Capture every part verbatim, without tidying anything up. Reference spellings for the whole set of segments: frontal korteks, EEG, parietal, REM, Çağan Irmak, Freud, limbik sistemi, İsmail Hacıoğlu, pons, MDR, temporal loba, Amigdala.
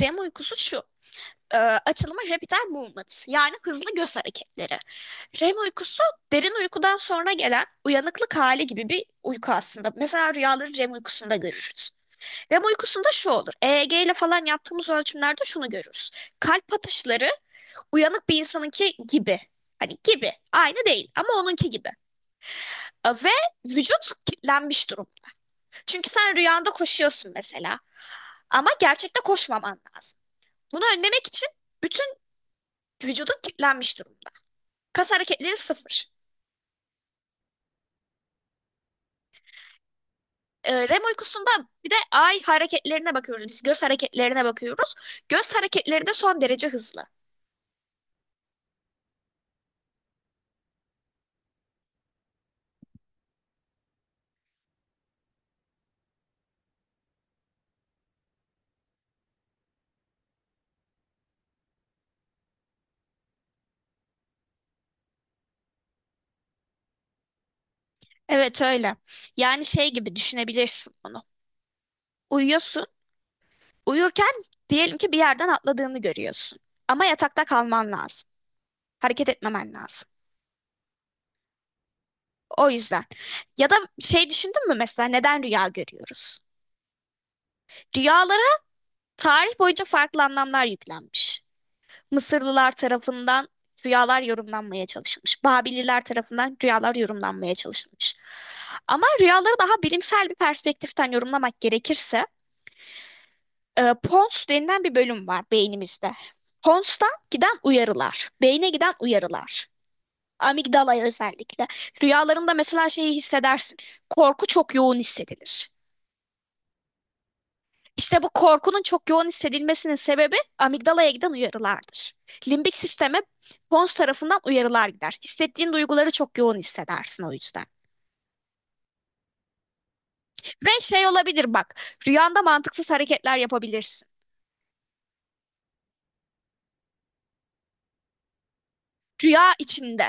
REM uykusu şu. E, açılımı rapid eye movement, yani hızlı göz hareketleri. REM uykusu derin uykudan sonra gelen uyanıklık hali gibi bir uyku aslında. Mesela rüyaları REM uykusunda görürüz. REM uykusunda şu olur: E E G ile falan yaptığımız ölçümlerde şunu görürüz. Kalp atışları uyanık bir insanınki gibi. Hani gibi. Aynı değil ama onunki gibi. E, Ve vücut kilitlenmiş durum. Çünkü sen rüyanda koşuyorsun mesela. Ama gerçekte koşmaman lazım. Bunu önlemek için bütün vücudun kilitlenmiş durumda. Kas hareketleri sıfır. Ee, REM uykusunda bir de ay hareketlerine bakıyoruz. Biz göz hareketlerine bakıyoruz. Göz hareketleri de son derece hızlı. Evet, öyle. Yani şey gibi düşünebilirsin onu. Uyuyorsun. Uyurken diyelim ki bir yerden atladığını görüyorsun. Ama yatakta kalman lazım. Hareket etmemen lazım. O yüzden. Ya da şey, düşündün mü mesela neden rüya görüyoruz? Rüyalara tarih boyunca farklı anlamlar yüklenmiş. Mısırlılar tarafından rüyalar yorumlanmaya çalışılmış. Babililer tarafından rüyalar yorumlanmaya çalışılmış. Ama rüyaları daha bilimsel bir perspektiften yorumlamak gerekirse, e, pons denilen bir bölüm var beynimizde. Pons'tan giden uyarılar, beyne giden uyarılar. Amigdala'ya özellikle. Rüyalarında mesela şeyi hissedersin. Korku çok yoğun hissedilir. İşte bu korkunun çok yoğun hissedilmesinin sebebi amigdalaya giden uyarılardır. Limbik sisteme pons tarafından uyarılar gider. Hissettiğin duyguları çok yoğun hissedersin o yüzden. Ve şey olabilir bak, rüyanda mantıksız hareketler yapabilirsin. Rüya içinde.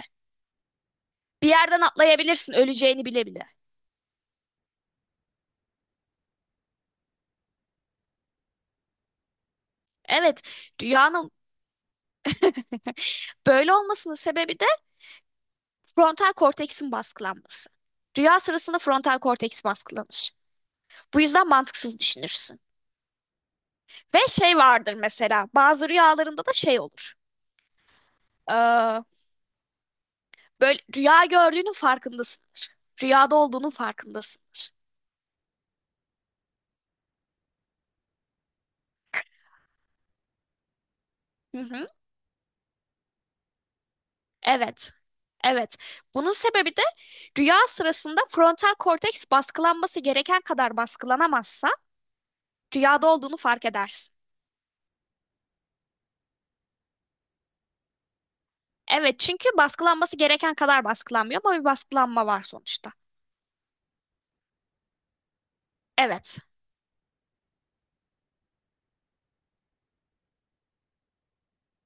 Bir yerden atlayabilirsin öleceğini bile bile. Evet, rüyanın böyle olmasının sebebi de frontal korteksin baskılanması. Rüya sırasında frontal korteks baskılanır. Bu yüzden mantıksız düşünürsün. Ve şey vardır mesela, bazı rüyalarımda da şey olur. Ee, Böyle rüya gördüğünün farkındasındır. Rüyada olduğunun farkındasındır. Hı hı. Evet. Evet. Bunun sebebi de rüya sırasında frontal korteks baskılanması gereken kadar baskılanamazsa rüyada olduğunu fark edersin. Evet, çünkü baskılanması gereken kadar baskılanmıyor ama bir baskılanma var sonuçta. Evet.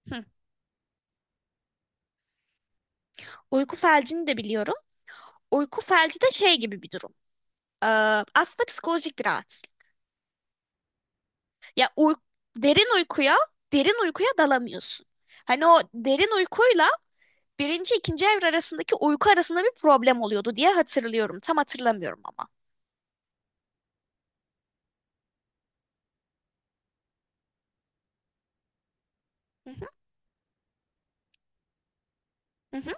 Hı. Uyku felcini de biliyorum. Uyku felci de şey gibi bir durum. Ee, Aslında psikolojik bir rahatsızlık. Ya uy- Derin uykuya, derin uykuya dalamıyorsun. Hani o derin uykuyla birinci, ikinci evre arasındaki uyku arasında bir problem oluyordu diye hatırlıyorum. Tam hatırlamıyorum ama. Hı hı, hı hı,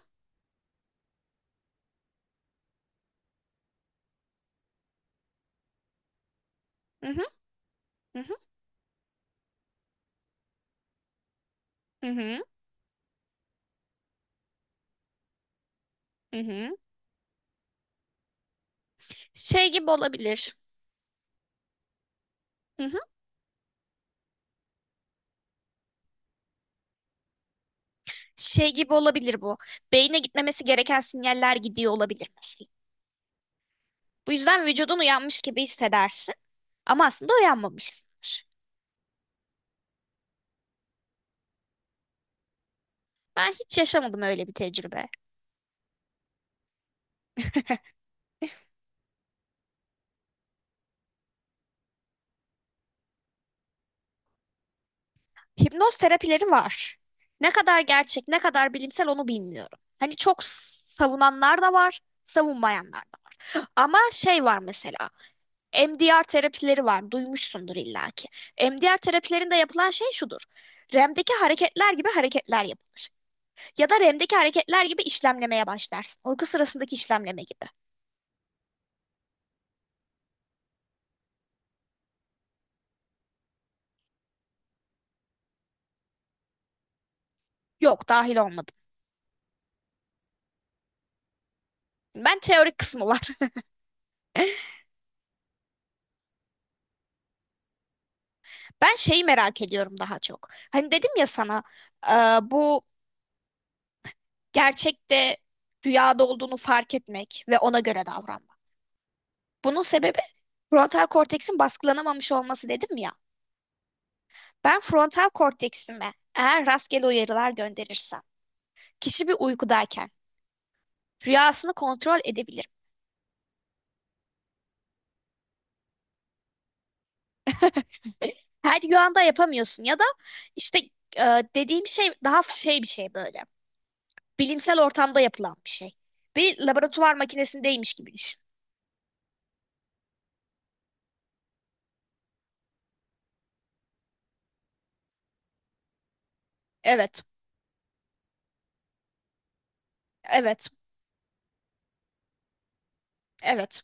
hı hı, hı hı, hı hı. Şey gibi olabilir. Hı hı. Şey gibi olabilir bu. Beyne gitmemesi gereken sinyaller gidiyor olabilir mesela. Bu yüzden vücudun uyanmış gibi hissedersin ama aslında uyanmamışsındır. Ben hiç yaşamadım öyle bir tecrübe. Hipnoz terapileri var. Ne kadar gerçek, ne kadar bilimsel onu bilmiyorum. Hani çok savunanlar da var, savunmayanlar da var. Ama şey var mesela, M D R terapileri var. Duymuşsundur illaki. M D R terapilerinde yapılan şey şudur. REM'deki hareketler gibi hareketler yapılır. Ya da REM'deki hareketler gibi işlemlemeye başlarsın. Uyku sırasındaki işlemleme gibi. Yok, dahil olmadım. Ben teorik kısmı var. Ben şeyi merak ediyorum daha çok. Hani dedim ya sana, e, bu gerçekte rüyada olduğunu fark etmek ve ona göre davranmak. Bunun sebebi frontal korteksin baskılanamamış olması dedim ya. Ben frontal korteksime eğer rastgele uyarılar gönderirsem, kişi bir uykudayken rüyasını kontrol edebilirim. Her rüyanda yapamıyorsun ya da işte e, dediğim şey daha şey, bir şey böyle. Bilimsel ortamda yapılan bir şey. Bir laboratuvar makinesindeymiş gibi düşün. Evet, evet, evet.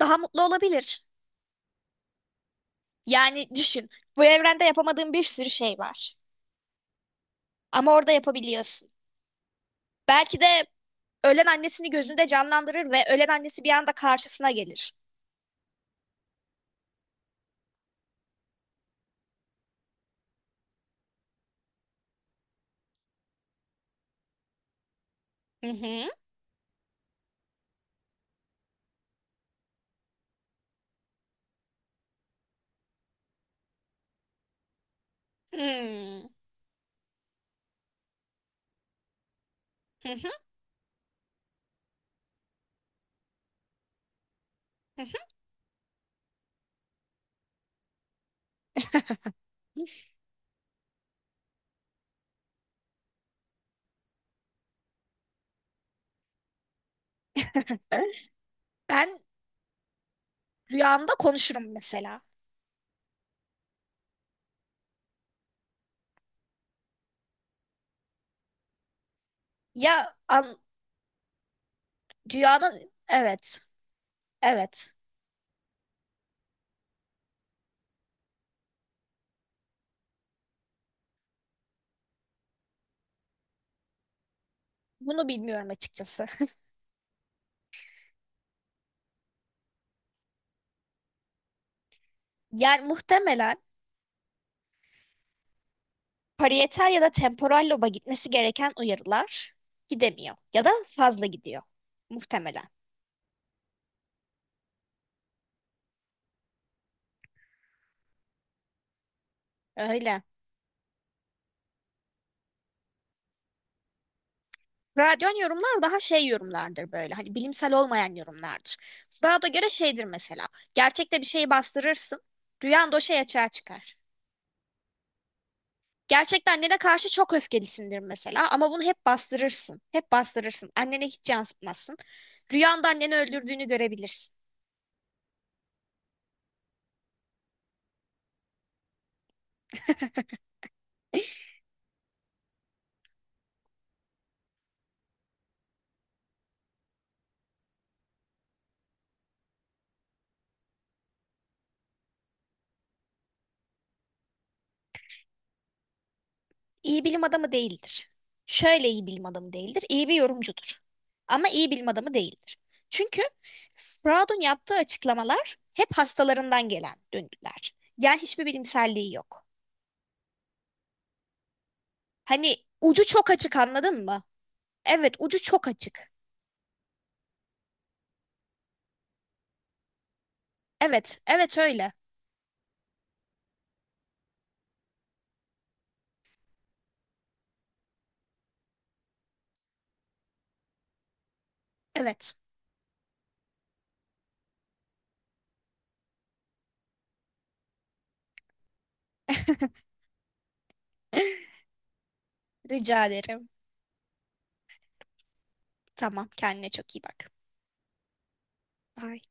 Daha mutlu olabilir. Yani düşün, bu evrende yapamadığın bir sürü şey var. Ama orada yapabiliyorsun. Belki de ölen annesini gözünde canlandırır ve ölen annesi bir anda karşısına gelir. Hı hı. Hmm. Hı hı. Hı hı. Ben rüyamda konuşurum mesela. Ya an, Rüyanın, evet, evet. Bunu bilmiyorum açıkçası. Yani muhtemelen parietal ya da temporal loba gitmesi gereken uyarılar gidemiyor ya da fazla gidiyor muhtemelen. Öyle. Radyon yorumlar daha şey yorumlardır böyle. Hani bilimsel olmayan yorumlardır. Freud'a göre şeydir mesela. Gerçekte bir şeyi bastırırsın. Rüyan da o şey açığa çıkar. Gerçekte annene karşı çok öfkelisindir mesela ama bunu hep bastırırsın. Hep bastırırsın. Annene hiç yansıtmazsın. Rüyanda anneni öldürdüğünü görebilirsin. İyi bilim adamı değildir. Şöyle, iyi bilim adamı değildir. İyi bir yorumcudur. Ama iyi bilim adamı değildir. Çünkü Freud'un yaptığı açıklamalar hep hastalarından gelen döngüler. Yani hiçbir bilimselliği yok. Hani ucu çok açık, anladın mı? Evet, ucu çok açık. Evet, evet öyle. Evet. Rica ederim. Tamam, kendine çok iyi bak. Bye.